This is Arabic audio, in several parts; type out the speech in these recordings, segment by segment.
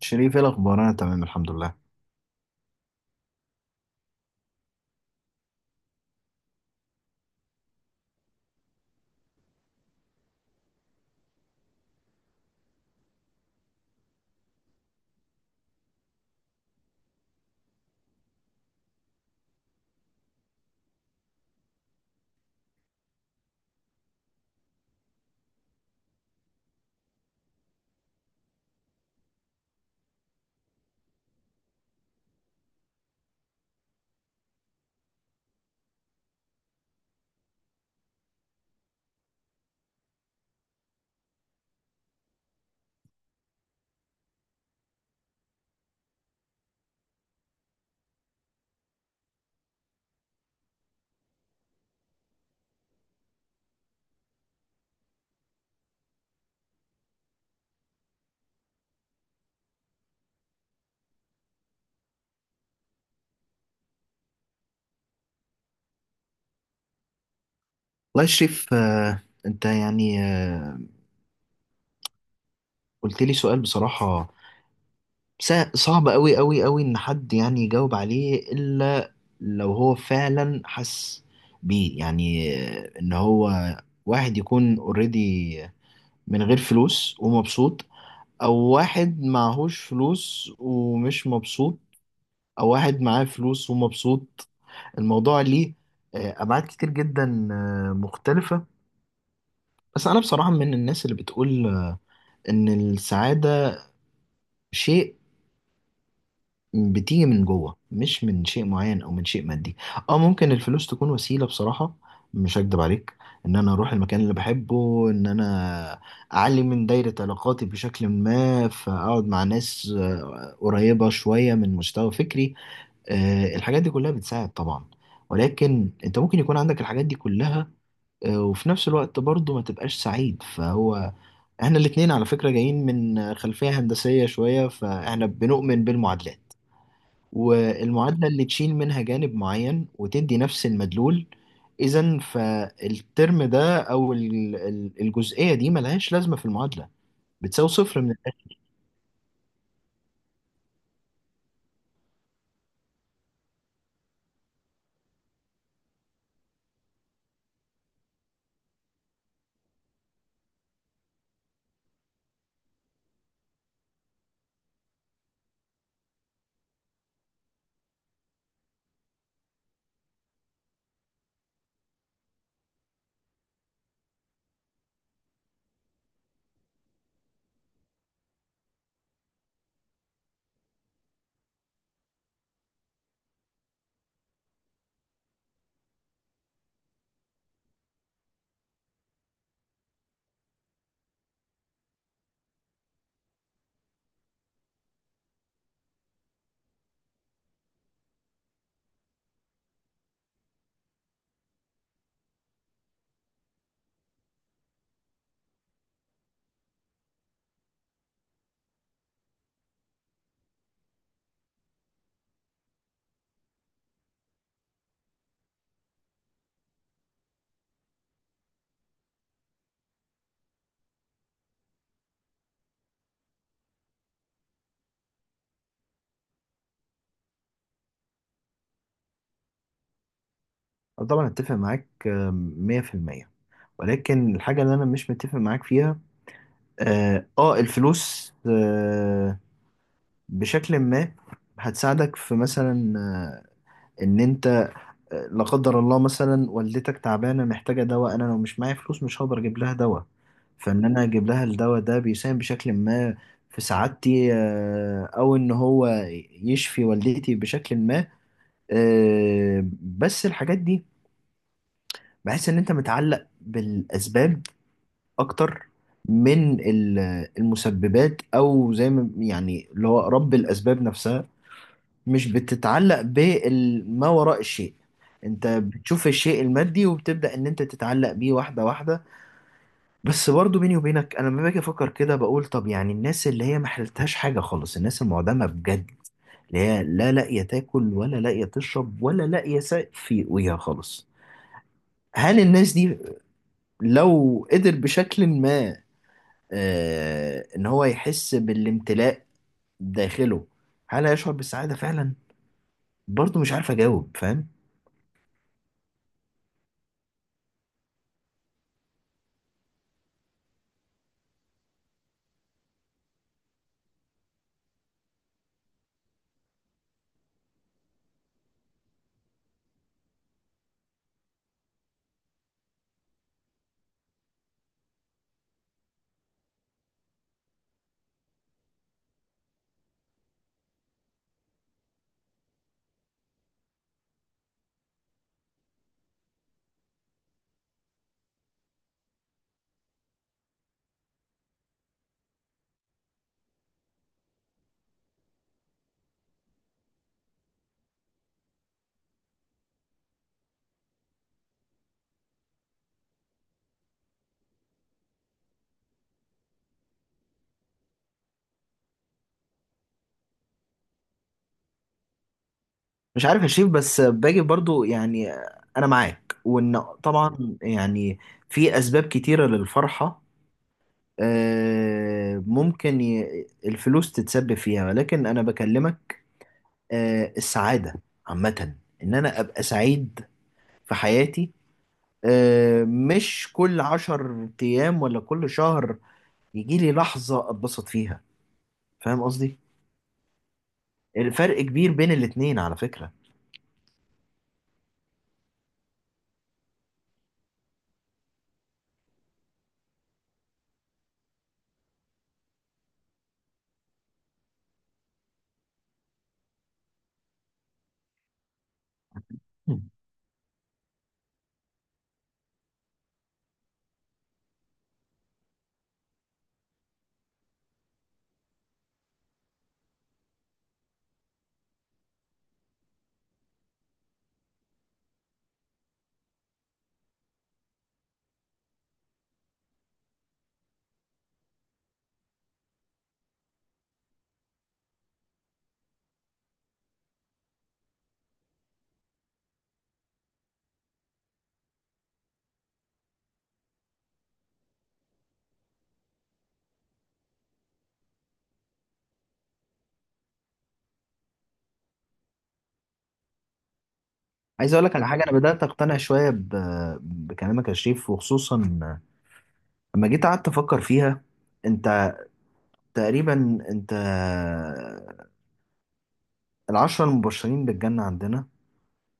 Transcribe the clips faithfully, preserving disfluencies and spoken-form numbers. شريف، ايه الاخبار؟ انا تمام الحمد لله. والله يا شريف، آه، انت يعني آه، قلت لي سؤال بصراحة سا- صعب قوي قوي قوي ان حد يعني يجاوب عليه، الا لو هو فعلا حس بيه، يعني آه، ان هو واحد يكون اوريدي من غير فلوس ومبسوط، او واحد معهوش فلوس ومش مبسوط، او واحد معاه فلوس ومبسوط. الموضوع ليه آه، ابعاد كتير جدا آه، مختلفة. بس انا بصراحة من الناس اللي بتقول ان السعادة شيء بتيجي من جوه، مش من شيء معين او من شيء مادي. اه، ممكن الفلوس تكون وسيلة، بصراحة مش هكدب عليك، ان انا اروح المكان اللي بحبه، ان انا اعلي من دايرة علاقاتي بشكل ما فاقعد مع ناس آه، قريبة شوية من مستوى فكري. آه، الحاجات دي كلها بتساعد طبعا، ولكن انت ممكن يكون عندك الحاجات دي كلها آه، وفي نفس الوقت برضه ما تبقاش سعيد. فهو احنا الاتنين على فكرة جايين من خلفية هندسية شوية، فاحنا بنؤمن بالمعادلات، والمعادلة اللي تشيل منها جانب معين وتدي نفس المدلول، اذا فالترم ده او ال- ال- الجزئية دي ملهاش لازمة في المعادلة، بتساوي صفر من الآخر. أنا طبعا اتفق معاك، آم، مئة في المئة، ولكن الحاجة اللي انا مش متفق معاك فيها، اه آه، الفلوس آه، بشكل ما هتساعدك في مثلا، آه، ان انت لا قدر الله مثلا والدتك تعبانه محتاجه دواء، انا لو مش معايا فلوس مش هقدر اجيب لها دواء. فان انا اجيب لها الدواء ده بيساهم بشكل ما في سعادتي، آه، او ان هو يشفي والدتي بشكل ما. آه، بس الحاجات دي بحس ان انت متعلق بالاسباب اكتر من ال- المسببات، او زي ما يعني اللي هو رب الاسباب نفسها، مش بتتعلق بما وراء الشيء. انت بتشوف الشيء المادي وبتبدأ ان انت تتعلق بيه واحدة واحدة. بس برضو بيني وبينك، انا لما باجي افكر كده بقول طب يعني الناس اللي هي ما حلتهاش حاجة خالص، الناس المعدمة بجد، اللي هي لا لاقية تاكل ولا لاقية تشرب ولا لاقية سقف في وجهها خالص، هل الناس دي لو قدر بشكل ما آه ان هو يحس بالامتلاء داخله، هل هيشعر بالسعادة فعلا؟ برضو مش عارف اجاوب، فاهم؟ مش عارف يا شريف، بس باجي برضو يعني انا معاك، وان طبعا يعني في اسباب كتيرة للفرحة، آه، ممكن ي- الفلوس تتسبب فيها. ولكن انا بكلمك آه، السعادة عامة، ان انا ابقى سعيد في حياتي، آه، مش كل عشر ايام ولا كل شهر يجي لي لحظة اتبسط فيها. فاهم قصدي؟ الفرق كبير بين الاتنين على فكرة. عايز اقول لك على حاجه، انا بدات اقتنع شويه ب... بكلامك يا شريف، وخصوصا لما جيت قعدت افكر فيها. انت تقريبا انت العشرة المبشرين بالجنه عندنا،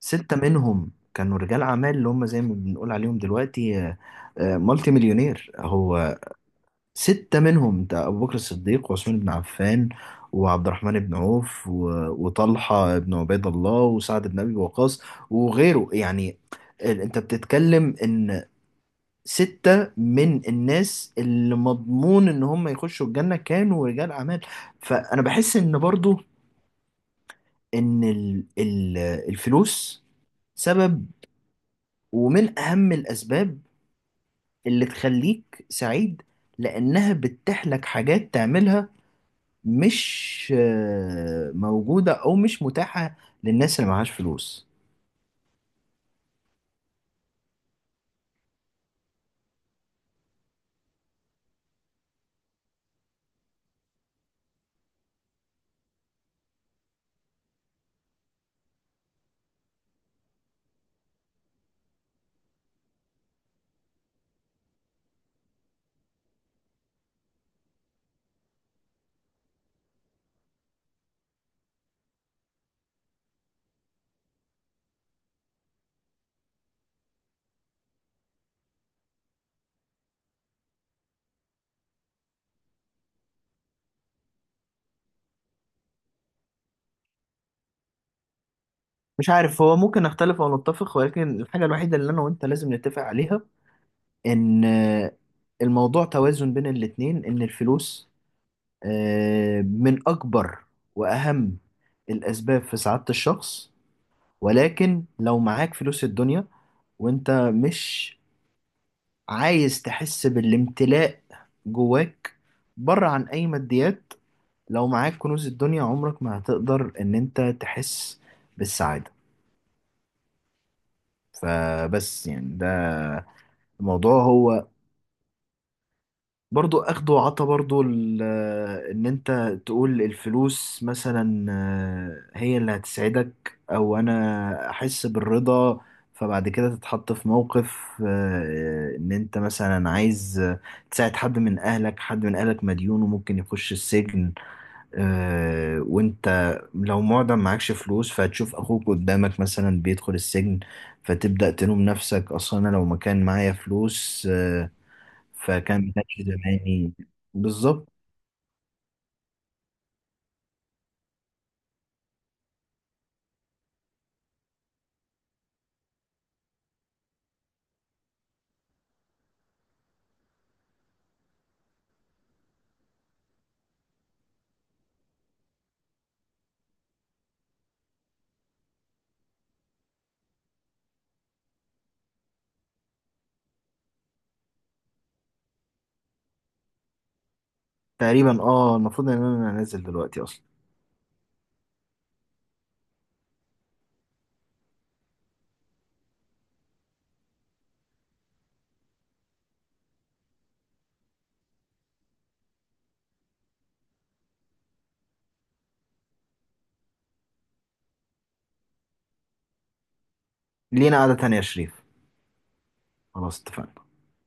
سته منهم كانوا رجال اعمال، اللي هم زي ما بنقول عليهم دلوقتي آه، آه، مالتي مليونير. هو سته منهم، انت ابو بكر الصديق، وعثمان بن عفان، وعبد الرحمن بن عوف، و... وطلحه بن عبيد الله، وسعد بن ابي وقاص، وغيره يعني. ال- انت بتتكلم ان ستة من الناس اللي مضمون ان هم يخشوا الجنة كانوا رجال اعمال. فانا بحس ان برضو ان ال- ال- الفلوس سبب ومن اهم الاسباب اللي تخليك سعيد، لانها بتتيح لك حاجات تعملها مش آه، موجودة او مش متاحة للناس اللي معهاش فلوس. مش عارف، هو ممكن نختلف او نتفق، ولكن الحاجة الوحيدة اللي انا وانت لازم نتفق عليها ان آه، الموضوع توازن بين الاتنين، ان الفلوس آه، من اكبر واهم الاسباب في سعادة الشخص. ولكن لو معاك فلوس الدنيا وانت مش عايز تحس بالامتلاء جواك بره عن اي ماديات، لو معاك كنوز الدنيا عمرك ما هتقدر ان انت تحس بالسعادة. فبس يعني ده الموضوع، هو برضو اخد وعطا. برضو ال- ان انت تقول الفلوس مثلا آه، هي اللي هتسعدك او انا احس بالرضا، فبعد كده تتحط في موقف آه، ان انت مثلا عايز آه، تساعد حد من اهلك، حد من اهلك مديون وممكن يخش السجن، آه، وانت لو معدم معكش فلوس، فهتشوف اخوك قدامك مثلا بيدخل السجن، فتبدأ تلوم نفسك، اصلا انا لو ما كان معايا فلوس آه، فكان ما كانش زماني. بالظبط. تقريبا اه، المفروض ان انا نازل دلوقتي اصلا. لينا قعدة تانية يا شريف. خلاص اتفقنا.